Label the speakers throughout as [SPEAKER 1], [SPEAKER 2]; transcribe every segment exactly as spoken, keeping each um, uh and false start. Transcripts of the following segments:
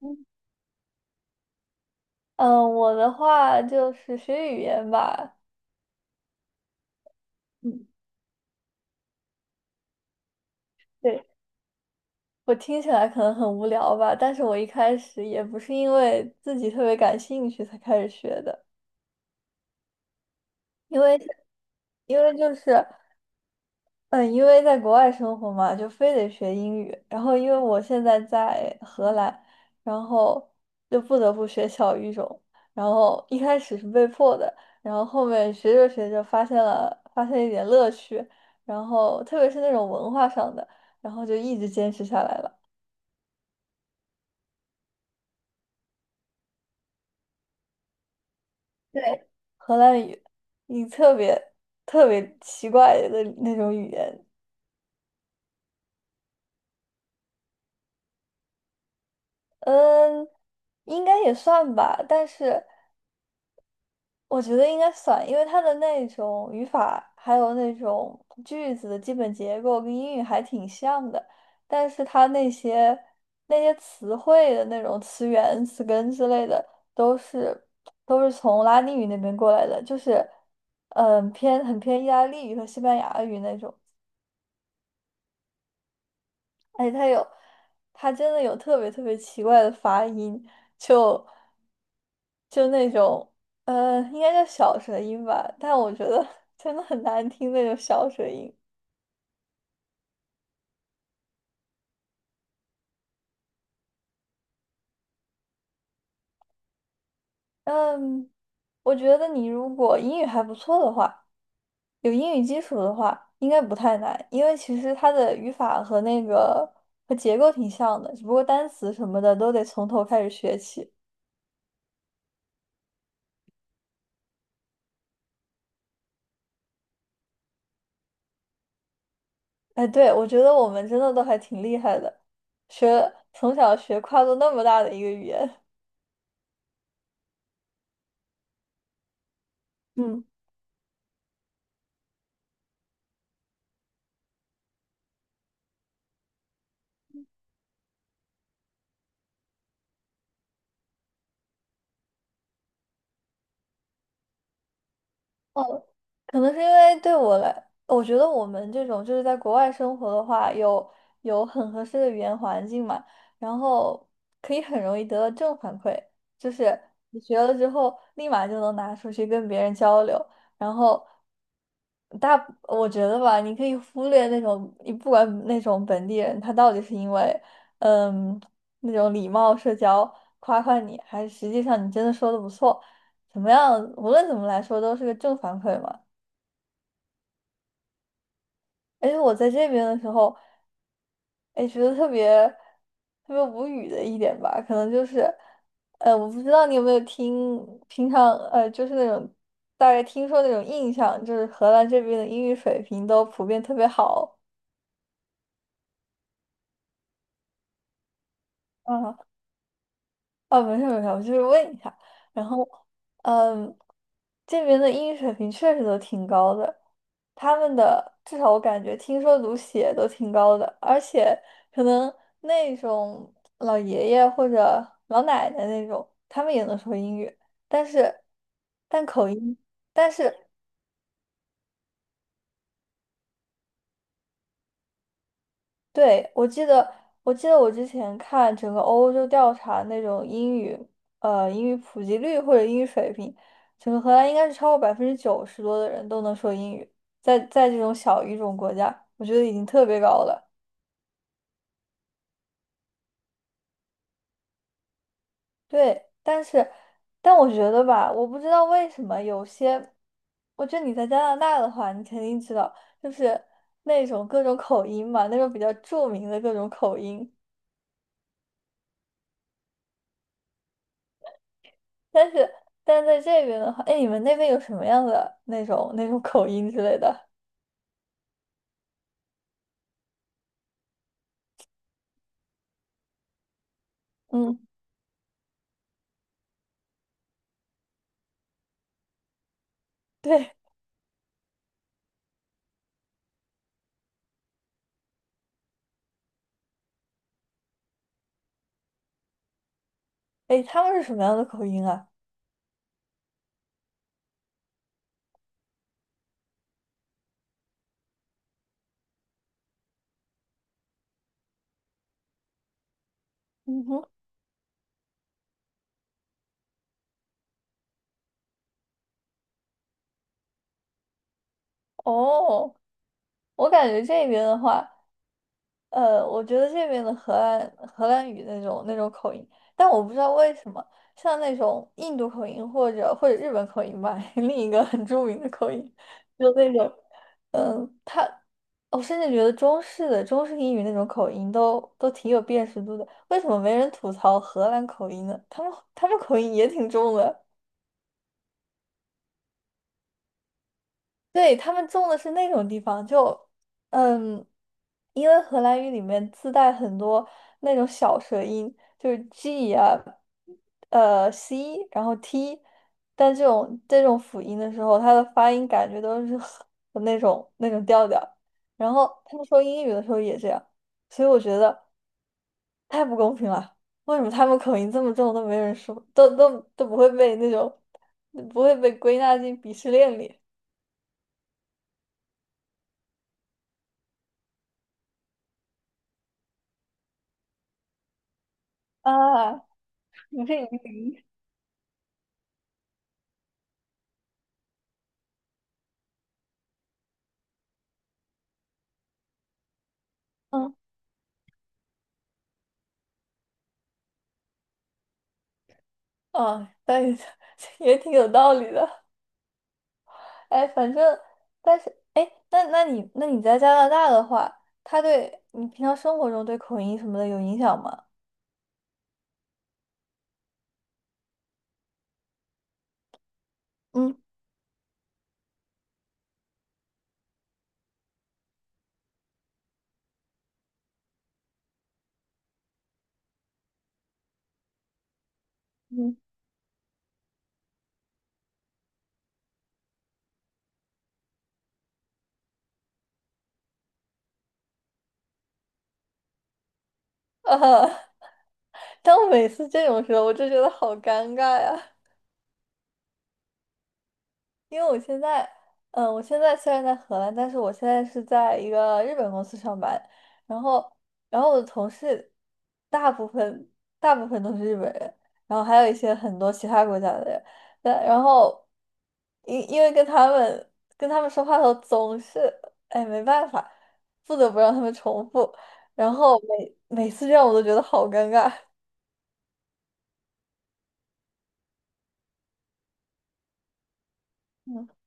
[SPEAKER 1] 嗯，呃我的话就是学语言吧。嗯，对，我听起来可能很无聊吧，但是我一开始也不是因为自己特别感兴趣才开始学的，因为因为就是。嗯，因为在国外生活嘛，就非得学英语。然后，因为我现在在荷兰，然后就不得不学小语种。然后一开始是被迫的，然后后面学着学着发现了发现一点乐趣，然后特别是那种文化上的，然后就一直坚持下来了。对，荷兰语，你特别特别奇怪的那种语言，嗯，应该也算吧，但是。我觉得应该算，因为它的那种语法，还有那种句子的基本结构跟英语还挺像的，但是它那些那些词汇的那种词源、词根之类的，都是都是从拉丁语那边过来的，就是嗯偏很偏意大利语和西班牙语那种。哎，他有，他真的有特别特别奇怪的发音，就就那种，呃，应该叫小舌音吧，但我觉得 真的很难听那种小舌音。嗯，我觉得你如果英语还不错的话，有英语基础的话，应该不太难，因为其实它的语法和那个和结构挺像的，只不过单词什么的都得从头开始学起。哎，对，我觉得我们真的都还挺厉害的，学从小学跨度那么大的一个语言。嗯，哦，可能是因为对我来，我觉得我们这种就是在国外生活的话，有有很合适的语言环境嘛，然后可以很容易得到正反馈，就是你学了之后，立马就能拿出去跟别人交流，然后大，我觉得吧，你可以忽略那种，你不管那种本地人，他到底是因为嗯那种礼貌社交夸夸你，还是实际上你真的说的不错，怎么样，无论怎么来说都是个正反馈嘛。而且我在这边的时候，哎，觉得特别特别无语的一点吧，可能就是，呃，我不知道你有没有听，平常呃，就是那种大概听说那种印象，就是荷兰这边的英语水平都普遍特别好，哦，没事没事，我就是问一下。然后，嗯，这边的英语水平确实都挺高的，他们的至少我感觉听说读写都挺高的，而且可能那种老爷爷或者老奶奶那种，他们也能说英语，但是但口音，但是对，我记得，我记得我之前看整个欧洲调查那种英语，呃，英语普及率或者英语水平，整个荷兰应该是超过百分之九十多的人都能说英语，在在这种小语种国家，我觉得已经特别高了。对，但是，但我觉得吧，我不知道为什么有些，我觉得你在加拿大的话，你肯定知道，就是那种各种口音嘛，那种比较著名的各种口音。但是但是在这边的话，哎，你们那边有什么样的那种那种 口音之类的？嗯，对，哎，他们是什么样的口音啊？嗯哼，哦，我感觉这边的话，呃，我觉得这边的荷兰荷兰语那种那种口音，但我不知道为什么，像那种印度口音或者或者日本口音吧，另一个很著名的口音，就那种，嗯，他，我甚至觉得中式的中式英语那种口音都都挺有辨识度的，为什么没人吐槽荷兰口音呢？他们他们口音也挺重的。对，他们种的是那种地方，就嗯，因为荷兰语里面自带很多那种小舌音，就是 G 啊，呃 C，然后 T，但这种这种辅音的时候，它的发音感觉都是 那种那种调调。然后他们说英语的时候也这样，所以我觉得太不公平了。为什么他们口音这么重都没人说，都都都不会被那种不会被归纳进鄙视链里？啊，不是嗯，哦，但也 也挺有道理的。哎，反正，但是，哎，那那你那你在加拿大的话，他对你平常生活中对口音什么的有影响吗？嗯嗯，啊，当每次这种时候，我就觉得好尴尬呀。因为我现在，嗯，我现在虽然在荷兰，但是我现在是在一个日本公司上班，然后，然后我的同事大部分大部分都是日本人，然后还有一些很多其他国家的人，但然后因因为跟他们跟他们说话的时候总是，哎，没办法，不得不让他们重复，然后每每次这样我都觉得好尴尬。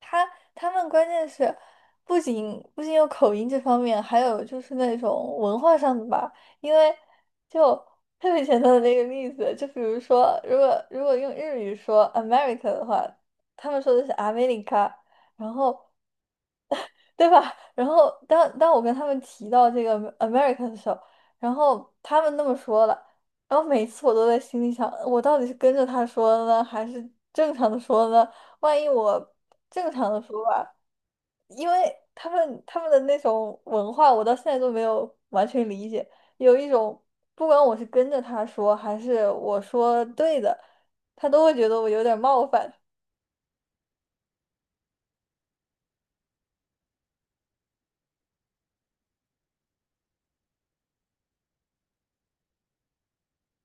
[SPEAKER 1] 他他们关键是不仅不仅有口音这方面，还有就是那种文化上的吧。因为就特别简单的那个例子，就比如说，如果如果用日语说 America 的话，他们说的是 America，然后对吧？然后当当我跟他们提到这个 America 的时候，然后他们那么说了，然后每次我都在心里想，我到底是跟着他说的呢，还是正常的说呢？万一我正常的说吧。因为他们他们的那种文化，我到现在都没有完全理解。有一种，不管我是跟着他说，还是我说对的，他都会觉得我有点冒犯。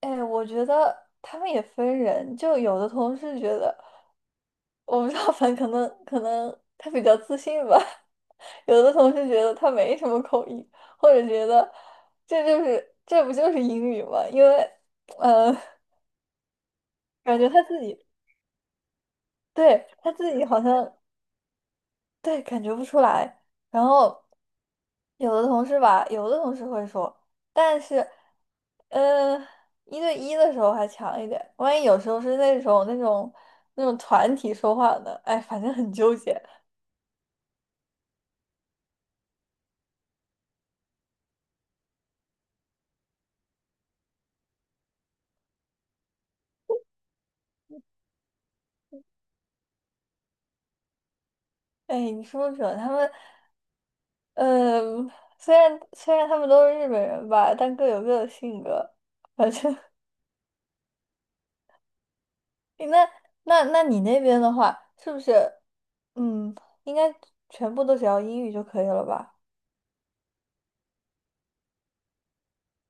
[SPEAKER 1] 哎，我觉得他们也分人，就有的同事觉得，我不知道，反正可能可能他比较自信吧。有的同事觉得他没什么口音，或者觉得这就是这不就是英语吗？因为呃，感觉他自己对他自己好像。对，感觉不出来。然后有的同事吧，有的同事会说，但是，呃，一对一的时候还强一点，万一有时候是那种那种那种团体说话的，哎，反正很纠结。哎，你说不准他们，嗯、虽然虽然他们都是日本人吧，但各有各的性格。反正 那那那你那边的话，是不是，嗯，应该全部都只要英语就可以了吧？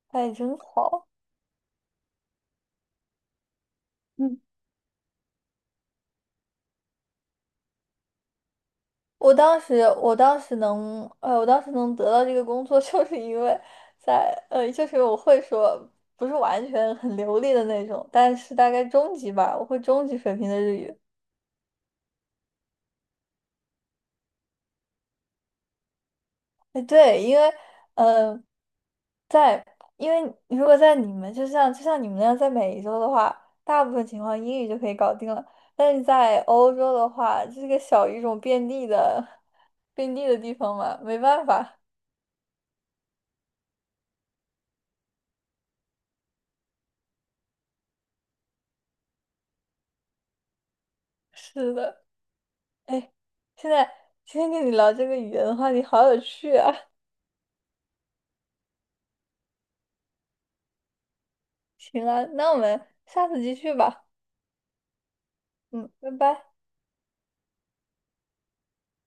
[SPEAKER 1] 哎，真好。嗯，我当时，我当时能，呃，我当时能得到这个工作，就是因为在，呃，就是我会说，不是完全很流利的那种，但是大概中级吧，我会中级水平的日语。哎，对，因为，呃，在，因为如果在你们，就像就像你们那样，在美洲的话，大部分情况英语就可以搞定了，但是在欧洲的话，这个小语种遍地的，遍地的地方嘛，没办法。是的。哎，现在今天跟你聊这个语言的话题好有趣啊！行啊，那我们下次继续吧。嗯，拜拜。